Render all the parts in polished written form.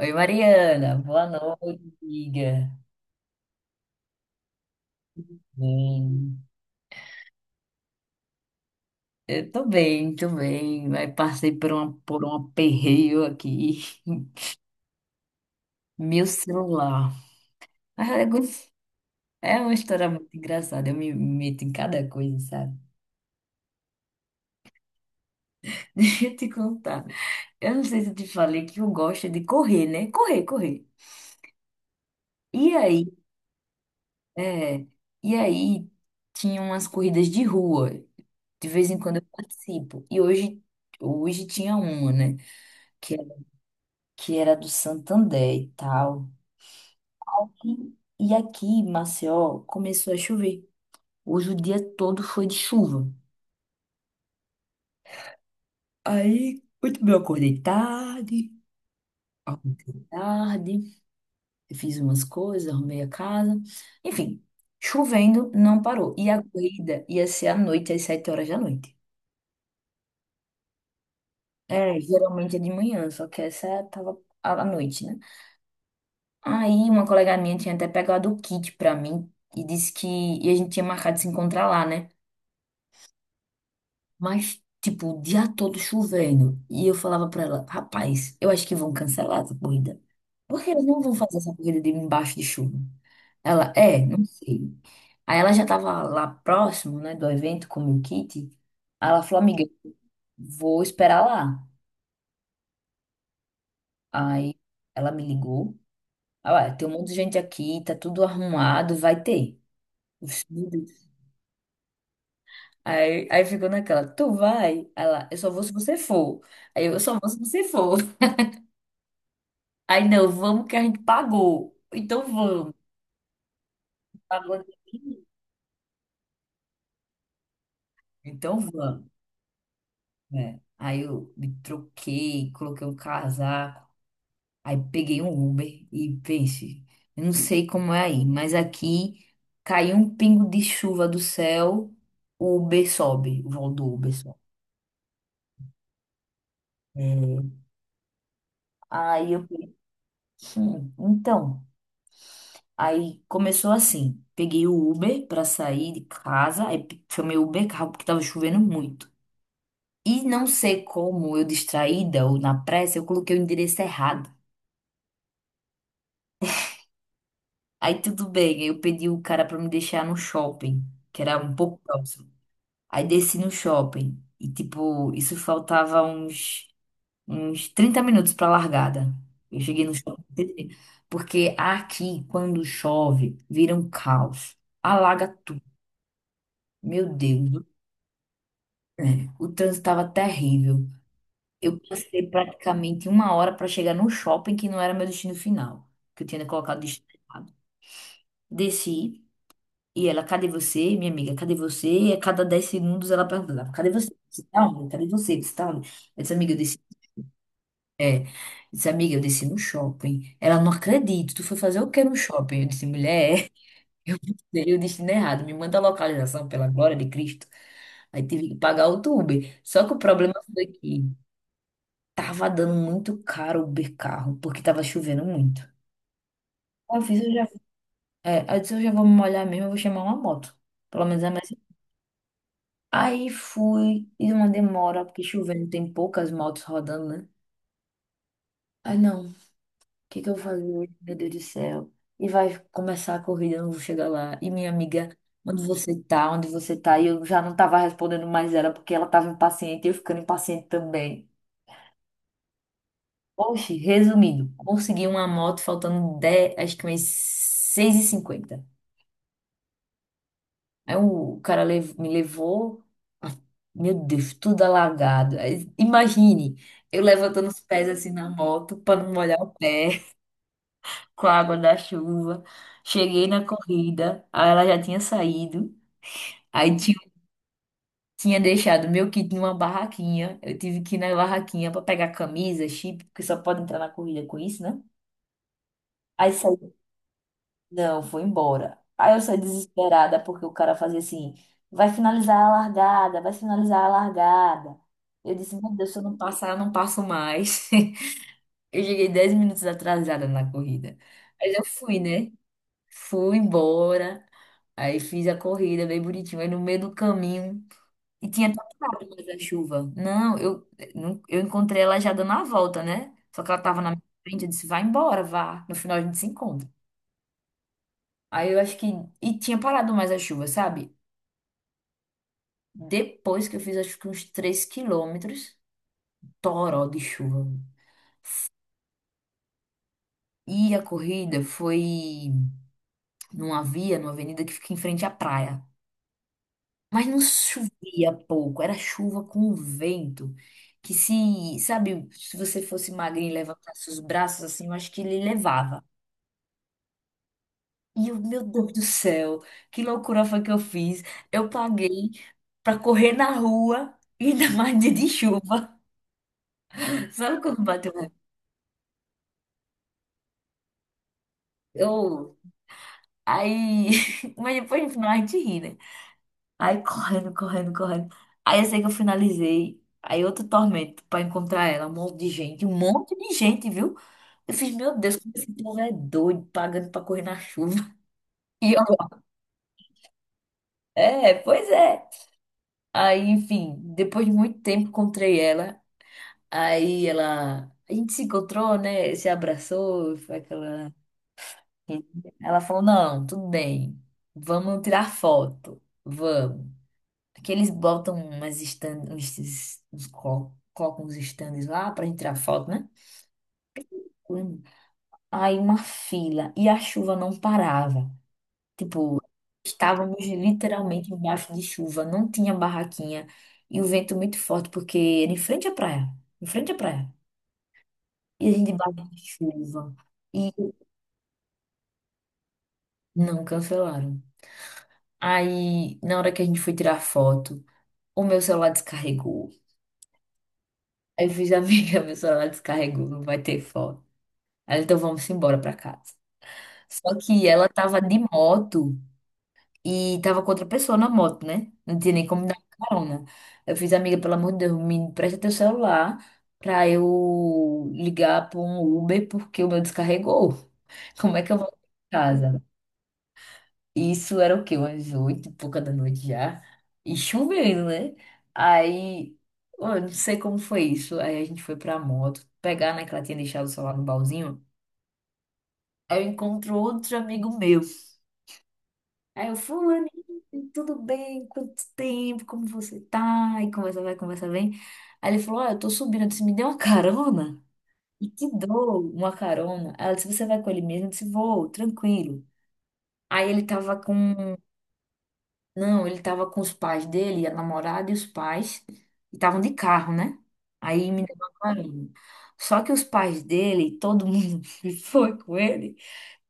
Oi, Mariana, boa noite, amiga. Bem, eu tô bem, mas passei por um aperreio aqui. Meu celular. Mas É go- É uma história muito engraçada, eu me meto em cada coisa, sabe? Deixa eu te contar. Eu não sei se eu te falei que eu gosto de correr, né? Correr, correr. E aí, é, e aí tinha umas corridas de rua. De vez em quando eu participo. E hoje, hoje tinha uma, né? Que era do Santander e tal. E, e aqui, em Maceió, começou a chover. Hoje o dia todo foi de chuva. Aí, muito bem, eu acordei tarde, eu fiz umas coisas, arrumei a casa. Enfim, chovendo, não parou. E a corrida ia ser à noite, às 7 horas da noite. É, geralmente é de manhã, só que essa tava à noite, né? Aí uma colega minha tinha até pegado o kit pra mim e disse que e a gente tinha marcado de se encontrar lá, né? Mas, tipo, o dia todo chovendo. E eu falava pra ela, rapaz, eu acho que vão cancelar essa corrida. Porque eles não vão fazer essa corrida de embaixo de chuva. Ela, é, não sei. Aí ela já tava lá próximo, né, do evento com o meu kit. Aí ela falou, amiga, vou esperar lá. Aí ela me ligou. Ah, ué, tem um monte de gente aqui, tá tudo arrumado, vai ter. Eu disse, "Meu Deus." Aí, aí ficou naquela, tu vai? Ela, eu só vou se você for. Aí eu só vou se você for. Aí, não, vamos que a gente pagou. Então vamos. Pagou aqui. Então vamos, né? Aí eu me troquei, coloquei um casaco, aí peguei um Uber e pense, eu não sei como é aí, mas aqui caiu um pingo de chuva do céu, o Uber sobe, o voo do Uber sobe. É. Aí eu falei, então, aí começou assim, peguei o Uber para sair de casa, aí chamei o Uber carro porque tava chovendo muito. E não sei como, eu distraída ou na pressa, eu coloquei o endereço errado. Aí tudo bem, eu pedi o cara pra me deixar no shopping, que era um pouco próximo. Aí desci no shopping e tipo, isso faltava uns 30 minutos pra largada. Eu cheguei no shopping, porque aqui quando chove, vira um caos, alaga tudo. Meu Deus, é, o trânsito estava terrível. Eu passei praticamente uma hora para chegar no shopping, que não era meu destino final, que eu tinha colocado o destino errado. Desci, e ela, cadê você, minha amiga? Cadê você? E a cada 10 segundos ela perguntava, cadê você? Você tá onde? Cadê você? Você tá onde? Eu disse, amiga, eu desci, eu disse, amiga, eu desci no shopping. Ela, não acredito, tu foi fazer o que no shopping? Eu disse, mulher, eu dei o destino errado, me manda a localização, pela glória de Cristo. Aí tive que pagar outro Uber. Só que o problema foi que tava dando muito caro o Uber carro, porque tava chovendo muito. Aí Eu fiz, eu já, é, aí eu disse, eu já vou me molhar mesmo, eu vou chamar uma moto. Pelo menos é mais. Aí fui, e uma demora, porque chovendo tem poucas motos rodando, né? Ai, não, o que que eu vou fazer hoje? Meu Deus do céu. E vai começar a corrida, eu não vou chegar lá. E minha amiga, onde você tá? Onde você tá? E eu já não tava respondendo mais ela, porque ela tava impaciente, e eu ficando impaciente também. Oxe, resumindo, consegui uma moto faltando 10, acho que umas 6:50. Aí o cara me levou, ah, meu Deus, tudo alagado. Aí, imagine, eu levantando os pés assim na moto para não molhar o pé com a água da chuva. Cheguei na corrida, aí ela já tinha saído. Aí tinha, tinha deixado meu kit numa barraquinha. Eu tive que ir na barraquinha para pegar camisa, chip, porque só pode entrar na corrida com isso, né? Aí saí Não, foi embora. Aí eu saí desesperada porque o cara fazia assim, vai finalizar a largada, vai finalizar a largada. Eu disse, meu Deus, se eu não passar, eu não passo mais. Eu cheguei 10 minutos atrasada na corrida. Mas eu fui, né? Fui embora. Aí fiz a corrida bem bonitinho. Aí no meio do caminho. E tinha tocado mais a chuva. Não, eu encontrei ela já dando a volta, né? Só que ela tava na minha frente. Eu disse, vai embora, vá. No final a gente se encontra. Aí eu acho que. E tinha parado mais a chuva, sabe? Depois que eu fiz acho que uns 3 quilômetros, toró de chuva. E a corrida foi numa via, numa avenida que fica em frente à praia. Mas não chovia pouco, era chuva com vento. Que se, sabe, se você fosse magrinho e levantasse os braços assim, eu acho que ele levava. E eu, meu Deus do céu, que loucura foi que eu fiz. Eu paguei pra correr na rua, ainda mais dia de chuva. Sabe quando bateu raiva? Eu. Aí. Mas depois no final a gente ri, né? Aí correndo, correndo, correndo. Aí eu sei que eu finalizei. Aí outro tormento pra encontrar ela. Um monte de gente, um monte de gente, viu? Eu fiz, meu Deus, como esse povo é doido, pagando pra correr na chuva. E eu, é, pois é. Aí, enfim, depois de muito tempo encontrei ela. Aí ela. A gente se encontrou, né? Se abraçou, foi aquela. Ela falou: não, tudo bem, vamos tirar foto, vamos. Aqui eles botam umas stand, colocam uns stands lá pra gente tirar foto, né? Hum. Aí uma fila e a chuva não parava. Tipo, estávamos literalmente embaixo de chuva, não tinha barraquinha e o vento muito forte, porque era em frente à praia, em frente à praia. E a gente embaixo de chuva e não cancelaram. Aí, na hora que a gente foi tirar foto, o meu celular descarregou. Aí eu fiz, amiga, meu celular descarregou, não vai ter foto. Aí, então vamos embora pra casa. Só que ela tava de moto e tava com outra pessoa na moto, né? Não tinha nem como dar carona. Eu fiz, amiga, pelo amor de Deus, me empresta teu celular pra eu ligar pra um Uber porque o meu descarregou. Como é que eu vou pra casa? Isso era o quê? Umas oito e pouca da noite já. E chovendo, né? Aí, ó, eu não sei como foi isso. Aí a gente foi pra moto pegar, né? Que ela tinha deixado o celular no baúzinho. Aí eu encontro outro amigo meu. Aí eu, fulano, tudo bem? Quanto tempo? Como você tá? E conversa vai, conversa vem. Aí ele falou, ó, eu tô subindo. Eu disse, me dê uma carona. E te dou uma carona. Aí ela disse, você vai com ele mesmo? Eu disse, vou, tranquilo. Aí ele tava com Não, ele tava com os pais dele, a namorada e os pais, e estavam de carro, né? Aí me deu uma carona. Só que os pais dele, todo mundo que foi com ele,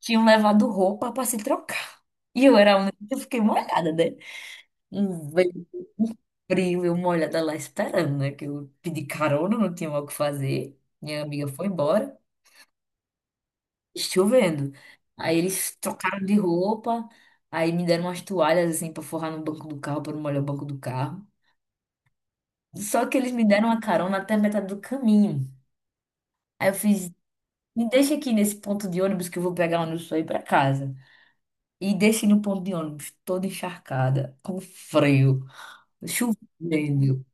tinham levado roupa para se trocar. E eu era a única que fiquei molhada, né? Um vento, um frio, eu molhada lá esperando, né? Que eu pedi carona, não tinha mais o que fazer. Minha amiga foi embora chovendo. Aí eles trocaram de roupa, aí me deram umas toalhas assim pra forrar no banco do carro, para não molhar o banco do carro. Só que eles me deram uma carona até a metade do caminho. Aí eu fiz, me deixa aqui nesse ponto de ônibus que eu vou pegar ônibus pra ir pra casa. E desci no ponto de ônibus, toda encharcada, com frio, chovendo.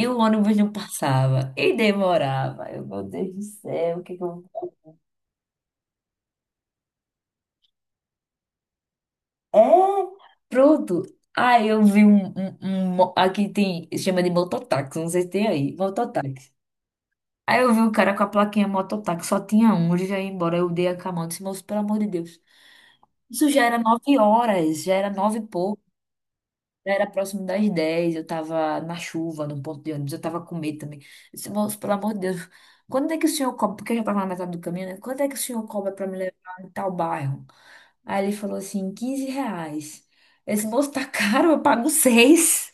E o ônibus não passava, e demorava. Eu, meu Deus do céu, o que é que eu vou. É, pronto. Aí eu vi aqui tem. Chama de mototáxi, não sei se tem aí. Mototáxi. Aí eu vi o cara com a plaquinha mototáxi, só tinha um, ele já ia embora. Eu dei a camada, disse, moço, pelo amor de Deus. Isso já era 9 horas, já era nove e pouco, já era próximo das dez. Eu tava na chuva, no ponto de ônibus, eu tava com medo também. Eu disse, moço, pelo amor de Deus, quando é que o senhor cobra? Porque eu já tava na metade do caminho, né? Quando é que o senhor cobra pra me levar em tal bairro? Aí ele falou assim, R$ 15. Esse moço tá caro, eu pago seis.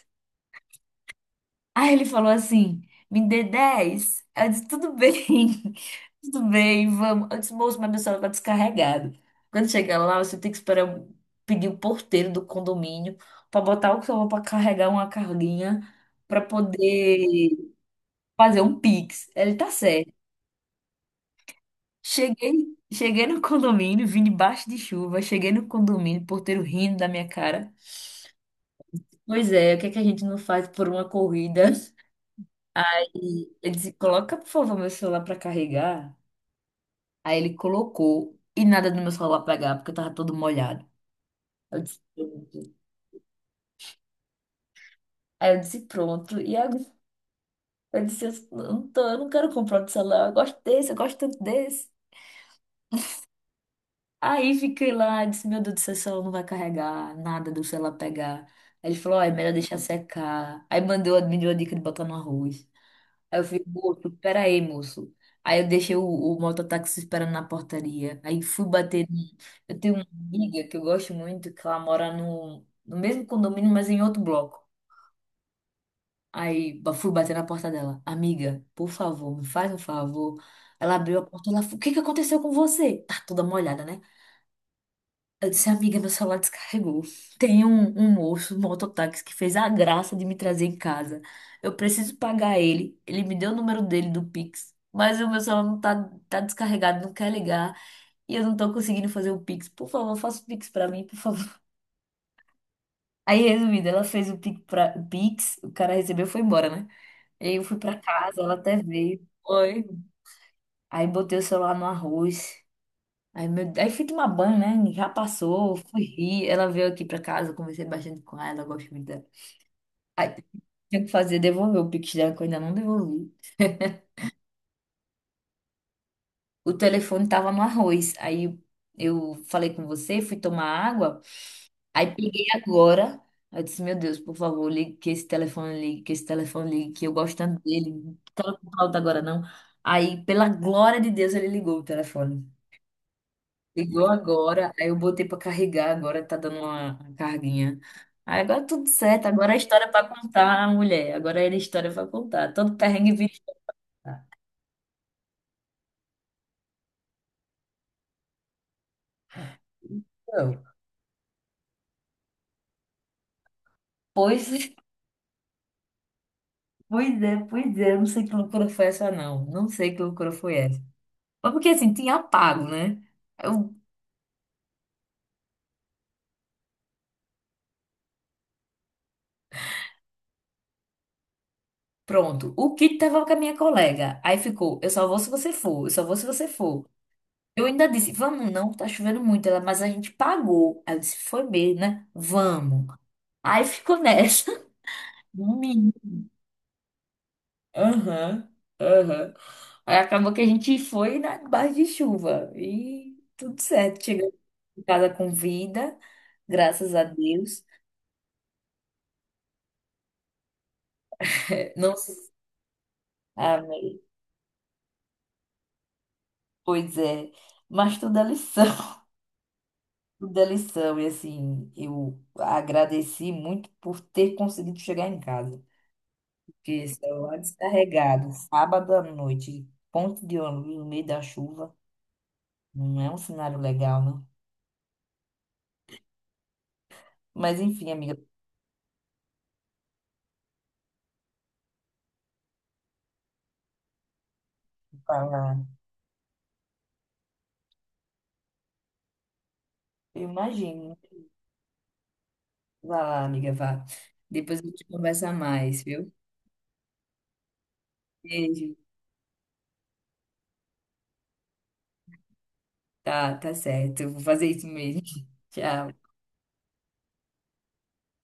Aí ele falou assim, me dê 10. Eu disse, tudo bem, tudo bem, vamos. Eu disse, moço, mas meu celular tá descarregado. Quando chegar lá, você tem que esperar pedir o porteiro do condomínio para botar o celular para carregar uma carguinha para poder fazer um Pix. Ele tá certo. Cheguei, cheguei no condomínio, vim debaixo de chuva, cheguei no condomínio, porteiro rindo da minha cara. Pois é, o que é que a gente não faz por uma corrida? E ele disse, coloca, por favor, meu celular pra carregar. Aí ele colocou e nada do meu celular pegar, porque eu tava todo molhado. Eu disse, pronto. Aí eu disse, pronto. E agora? Eu disse, eu não tô, eu não quero comprar outro celular, eu gosto desse, eu gosto tanto desse. Aí fiquei lá, disse, meu Deus do céu, esse celular não vai carregar, nada do celular pegar. Aí ele falou, ó, é melhor deixar secar. Aí mandou, me deu a dica de botar no arroz. Aí eu falei, moço, pera aí, moço. Aí eu deixei o mototáxi esperando na portaria. Aí fui bater. Eu tenho uma amiga que eu gosto muito, que ela mora no mesmo condomínio, mas em outro bloco. Fui bater na porta dela. Amiga, por favor, me faz um favor. Ela abriu a porta, ela falou, o que que aconteceu com você? Tá toda molhada, né? Eu disse, amiga, meu celular descarregou. Tem um moço, um mototáxi, que fez a graça de me trazer em casa. Eu preciso pagar ele. Ele me deu o número dele do Pix, mas o meu celular não tá descarregado, não quer ligar. E eu não tô conseguindo fazer o Pix. Por favor, faça o Pix pra mim, por favor. Aí, resumindo, ela fez o Pix, o cara recebeu e foi embora, né? E aí eu fui pra casa, ela até veio. Oi. Aí botei o celular no arroz. Aí, fui tomar banho, né? Já passou, fui rir. Ela veio aqui pra casa, conversei bastante com ela, gosto muito dela. Aí, tinha que fazer, devolver o Pix dela, que eu ainda não devolvi. O telefone tava no arroz. Aí eu falei com você, fui tomar água. Aí peguei agora. Aí eu disse, meu Deus, por favor, ligue que esse telefone ligue, que esse telefone ligue, que eu gosto tanto dele. Não quero comprar outro agora, não. Aí, pela glória de Deus, ele ligou o telefone. Ligou agora, aí eu botei pra carregar, agora tá dando uma carguinha. Aí agora tudo certo, agora é história pra contar, mulher. Agora é história pra contar. Todo perrengue vista. Então, pois, pois é, pois é. Eu não sei que loucura foi essa, não. Não sei que loucura foi essa. Mas porque assim, tinha pago, né? Eu, pronto, o kit tava com a minha colega. Aí ficou, eu só vou se você for, eu só vou se você for. Eu ainda disse, vamos não, tá chovendo muito. Ela, mas a gente pagou. Aí eu disse, foi mesmo, né? Vamos. Aí ficou nessa. Menino. Aham, aham. Aí acabou que a gente foi na base de chuva. E tudo certo. Chegamos em casa com vida, graças a Deus. É, não se... Amei. Pois é. Mas tudo é lição. Tudo é lição. E assim, eu agradeci muito por ter conseguido chegar em casa. Que celular descarregado, sábado à noite, ponto de ônibus no meio da chuva, não é um cenário legal, não. Mas enfim, amiga, vá lá. Eu imagino. Vai lá, amiga, vá. Depois a gente conversa mais, viu? Beijo. Tá, tá certo. Eu vou fazer isso mesmo. Tchau.